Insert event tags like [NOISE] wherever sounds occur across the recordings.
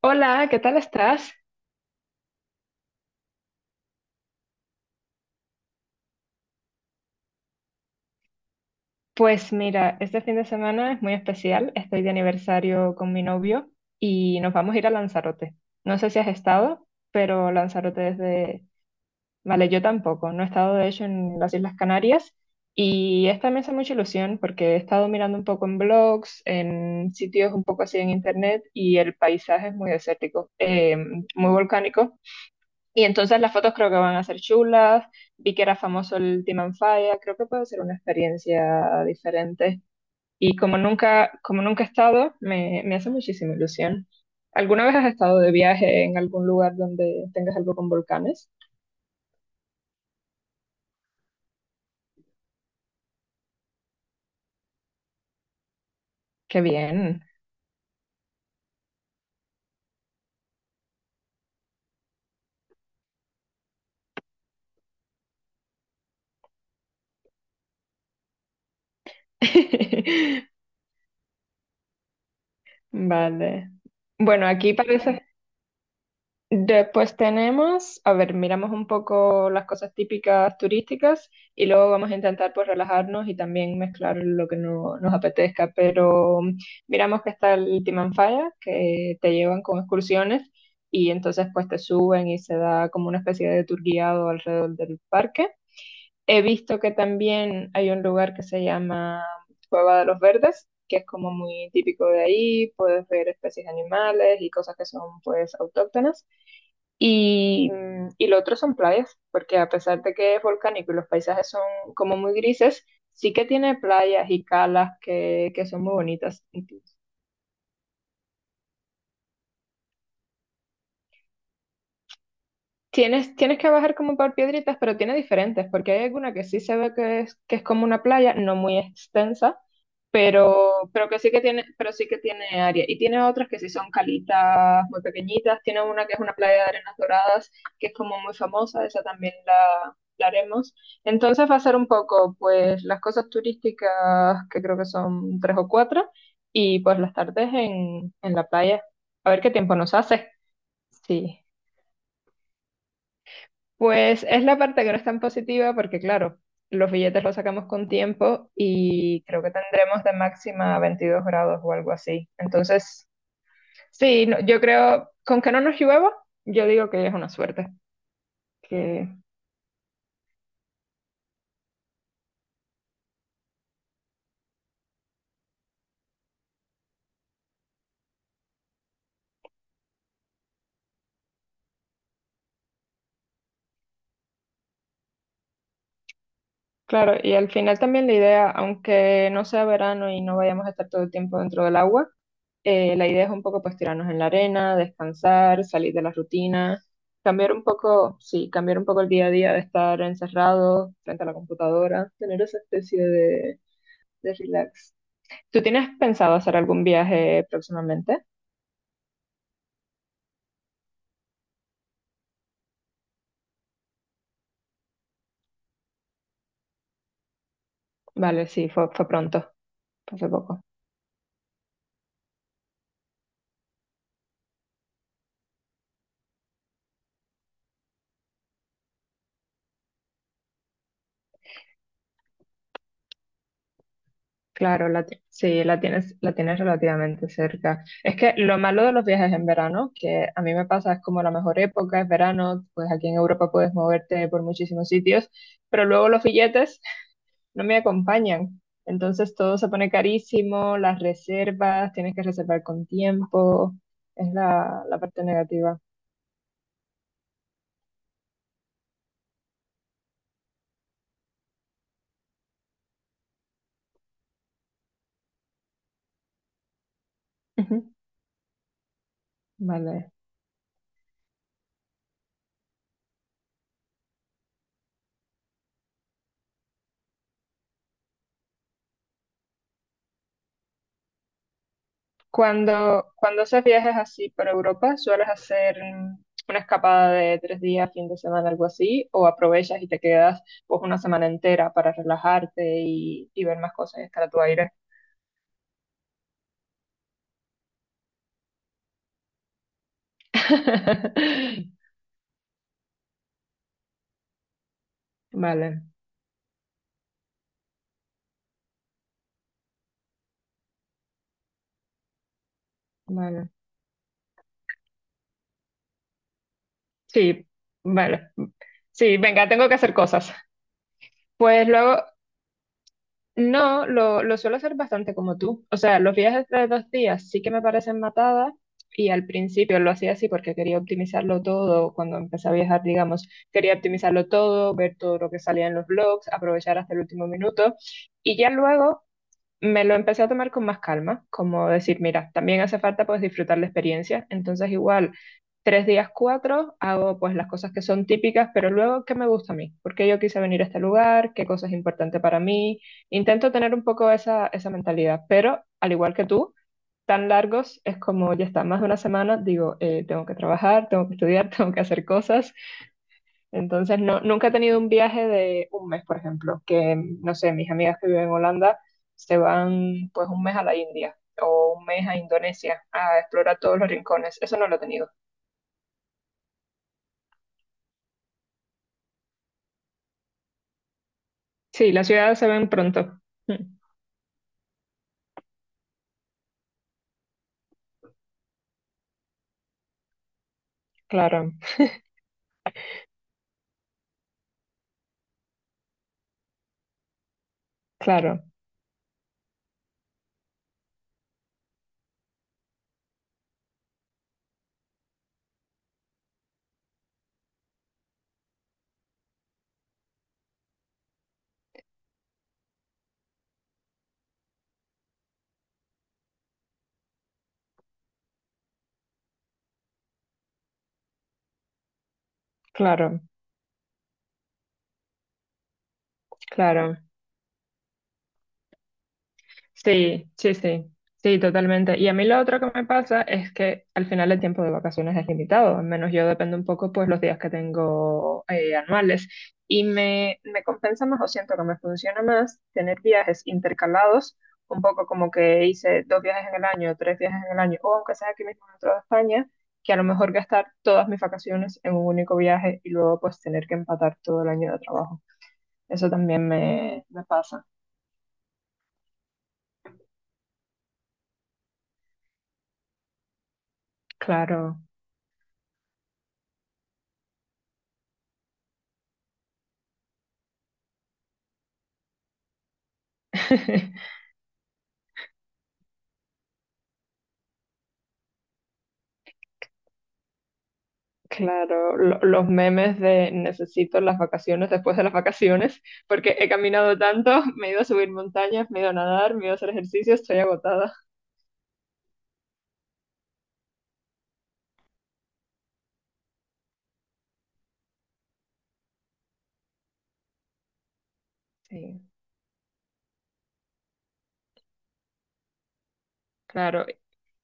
Hola, ¿qué tal estás? Pues mira, este fin de semana es muy especial. Estoy de aniversario con mi novio y nos vamos a ir a Lanzarote. No sé si has estado, pero Lanzarote es. Vale, yo tampoco. No he estado, de hecho, en las Islas Canarias y esta me hace mucha ilusión porque he estado mirando un poco en blogs, en sitios un poco así en internet y el paisaje es muy desértico, muy volcánico. Y entonces las fotos creo que van a ser chulas. Vi que era famoso el Team and Fire. Creo que puede ser una experiencia diferente. Y como nunca he estado, me hace muchísima ilusión. ¿Alguna vez has estado de viaje en algún lugar donde tengas algo con volcanes? ¡Qué bien! [LAUGHS] Vale. Bueno, aquí parece. Después tenemos, a ver, miramos un poco las cosas típicas turísticas y luego vamos a intentar pues relajarnos y también mezclar lo que no, nos apetezca, pero miramos que está el Timanfaya, que te llevan con excursiones y entonces pues te suben y se da como una especie de tour guiado alrededor del parque. He visto que también hay un lugar que se llama Cueva de los Verdes, que es como muy típico de ahí, puedes ver especies de animales y cosas que son pues autóctonas. Y lo otro son playas, porque a pesar de que es volcánico y los paisajes son como muy grises, sí que tiene playas y calas que son muy bonitas. Entonces, tienes que bajar como por piedritas, pero tiene diferentes, porque hay alguna que sí se ve que es como una playa, no muy extensa, pero que sí que tiene, pero sí que tiene área. Y tiene otras que sí son calitas muy pequeñitas. Tiene una que es una playa de arenas doradas, que es como muy famosa, esa también la haremos. Entonces va a ser un poco, pues, las cosas turísticas, que creo que son tres o cuatro, y pues las tardes en la playa. A ver qué tiempo nos hace. Sí. Pues es la parte que no es tan positiva porque, claro, los billetes los sacamos con tiempo y creo que tendremos de máxima 22 grados o algo así. Entonces, sí, yo creo, con que no nos llueva, yo digo que es una suerte, que. Claro, y al final también la idea, aunque no sea verano y no vayamos a estar todo el tiempo dentro del agua, la idea es un poco pues tirarnos en la arena, descansar, salir de la rutina, cambiar un poco, sí, cambiar un poco el día a día de estar encerrado frente a la computadora, tener esa especie de relax. ¿Tú tienes pensado hacer algún viaje próximamente? Vale, sí, fue pronto, fue hace poco. Claro, sí, la tienes relativamente cerca. Es que lo malo de los viajes en verano, que a mí me pasa, es como la mejor época, es verano, pues aquí en Europa puedes moverte por muchísimos sitios, pero luego los billetes no me acompañan. Entonces todo se pone carísimo, las reservas, tienes que reservar con tiempo, es la parte negativa. Ujú. Vale. Cuando haces viajes así por Europa, ¿sueles hacer una escapada de 3 días, fin de semana, algo así? ¿O aprovechas y te quedas pues una semana entera para relajarte y ver más cosas y estar a tu aire? [LAUGHS] Vale, vale. Sí, vale. Sí, venga, tengo que hacer cosas. Pues luego, no, lo suelo hacer bastante como tú. O sea, los viajes de 2 días sí que me parecen matadas y al principio lo hacía así porque quería optimizarlo todo. Cuando empecé a viajar, digamos, quería optimizarlo todo, ver todo lo que salía en los blogs, aprovechar hasta el último minuto. Y ya luego me lo empecé a tomar con más calma, como decir, mira, también hace falta pues disfrutar la experiencia, entonces igual 3 días, cuatro, hago pues las cosas que son típicas, pero luego, ¿qué me gusta a mí? ¿Por qué yo quise venir a este lugar? ¿Qué cosa es importante para mí? Intento tener un poco esa mentalidad, pero al igual que tú, tan largos es como ya está, más de una semana, digo, tengo que trabajar, tengo que estudiar, [LAUGHS] tengo que hacer cosas, entonces, no, nunca he tenido un viaje de un mes, por ejemplo, que, no sé, mis amigas que viven en Holanda se van pues un mes a la India o un mes a Indonesia a explorar todos los rincones. Eso no lo he tenido. Sí, las ciudades se ven pronto. Mm, claro, claro, claro, claro. Sí, sí, sí, sí, totalmente. Y a mí lo otro que me pasa es que al final el tiempo de vacaciones es limitado, al menos yo dependo un poco pues los días que tengo anuales. Y me compensa más o siento que me funciona más tener viajes intercalados, un poco como que hice dos viajes en el año, tres viajes en el año, o aunque sea aquí mismo dentro de España, que a lo mejor gastar todas mis vacaciones en un único viaje y luego pues tener que empatar todo el año de trabajo. Eso también me pasa, claro. [LAUGHS] Claro, los memes de necesito las vacaciones después de las vacaciones, porque he caminado tanto, [LAUGHS] me he ido a subir montañas, me he ido a nadar, me he ido a hacer ejercicio, estoy agotada. Sí, claro.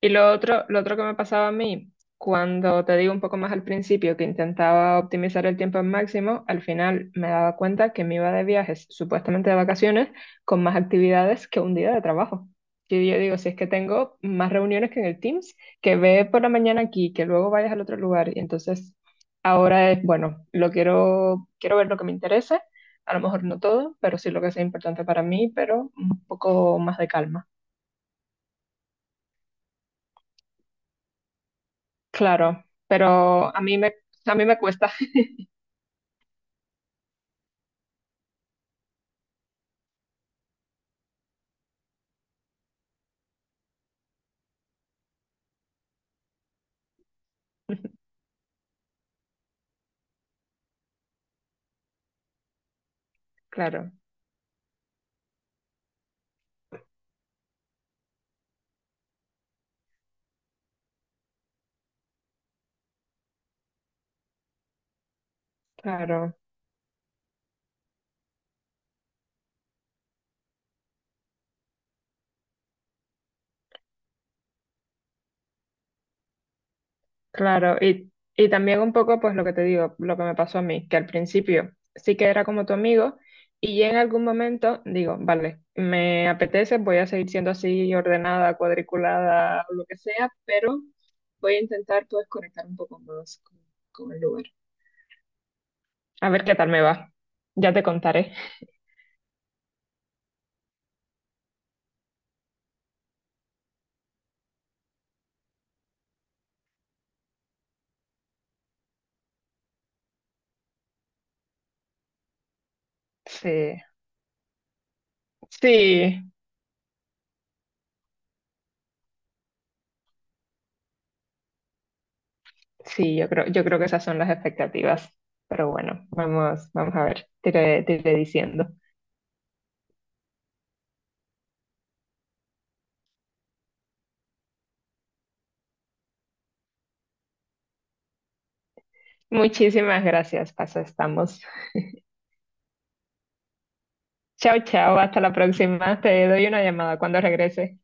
Y lo otro que me pasaba a mí, cuando te digo un poco más al principio que intentaba optimizar el tiempo al máximo, al final me daba cuenta que me iba de viajes, supuestamente de vacaciones, con más actividades que un día de trabajo. Y yo digo, si es que tengo más reuniones que en el Teams, que ve por la mañana aquí, que luego vayas al otro lugar. Y entonces ahora es, bueno, quiero ver lo que me interese, a lo mejor no todo, pero sí lo que sea importante para mí, pero un poco más de calma. Claro, pero a mí me cuesta. [LAUGHS] Claro, claro, claro. Y también un poco, pues lo que te digo, lo que me pasó a mí, que al principio sí que era como tu amigo y en algún momento digo, vale, me apetece, voy a seguir siendo así ordenada, cuadriculada, o lo que sea, pero voy a intentar pues conectar un poco más con el lugar. A ver qué tal me va. Ya te contaré. Sí, sí, sí, yo creo que esas son las expectativas. Pero bueno, vamos, vamos a ver, te iré diciendo. Muchísimas gracias, Paso, estamos. Chao, chao, hasta la próxima. Te doy una llamada cuando regrese.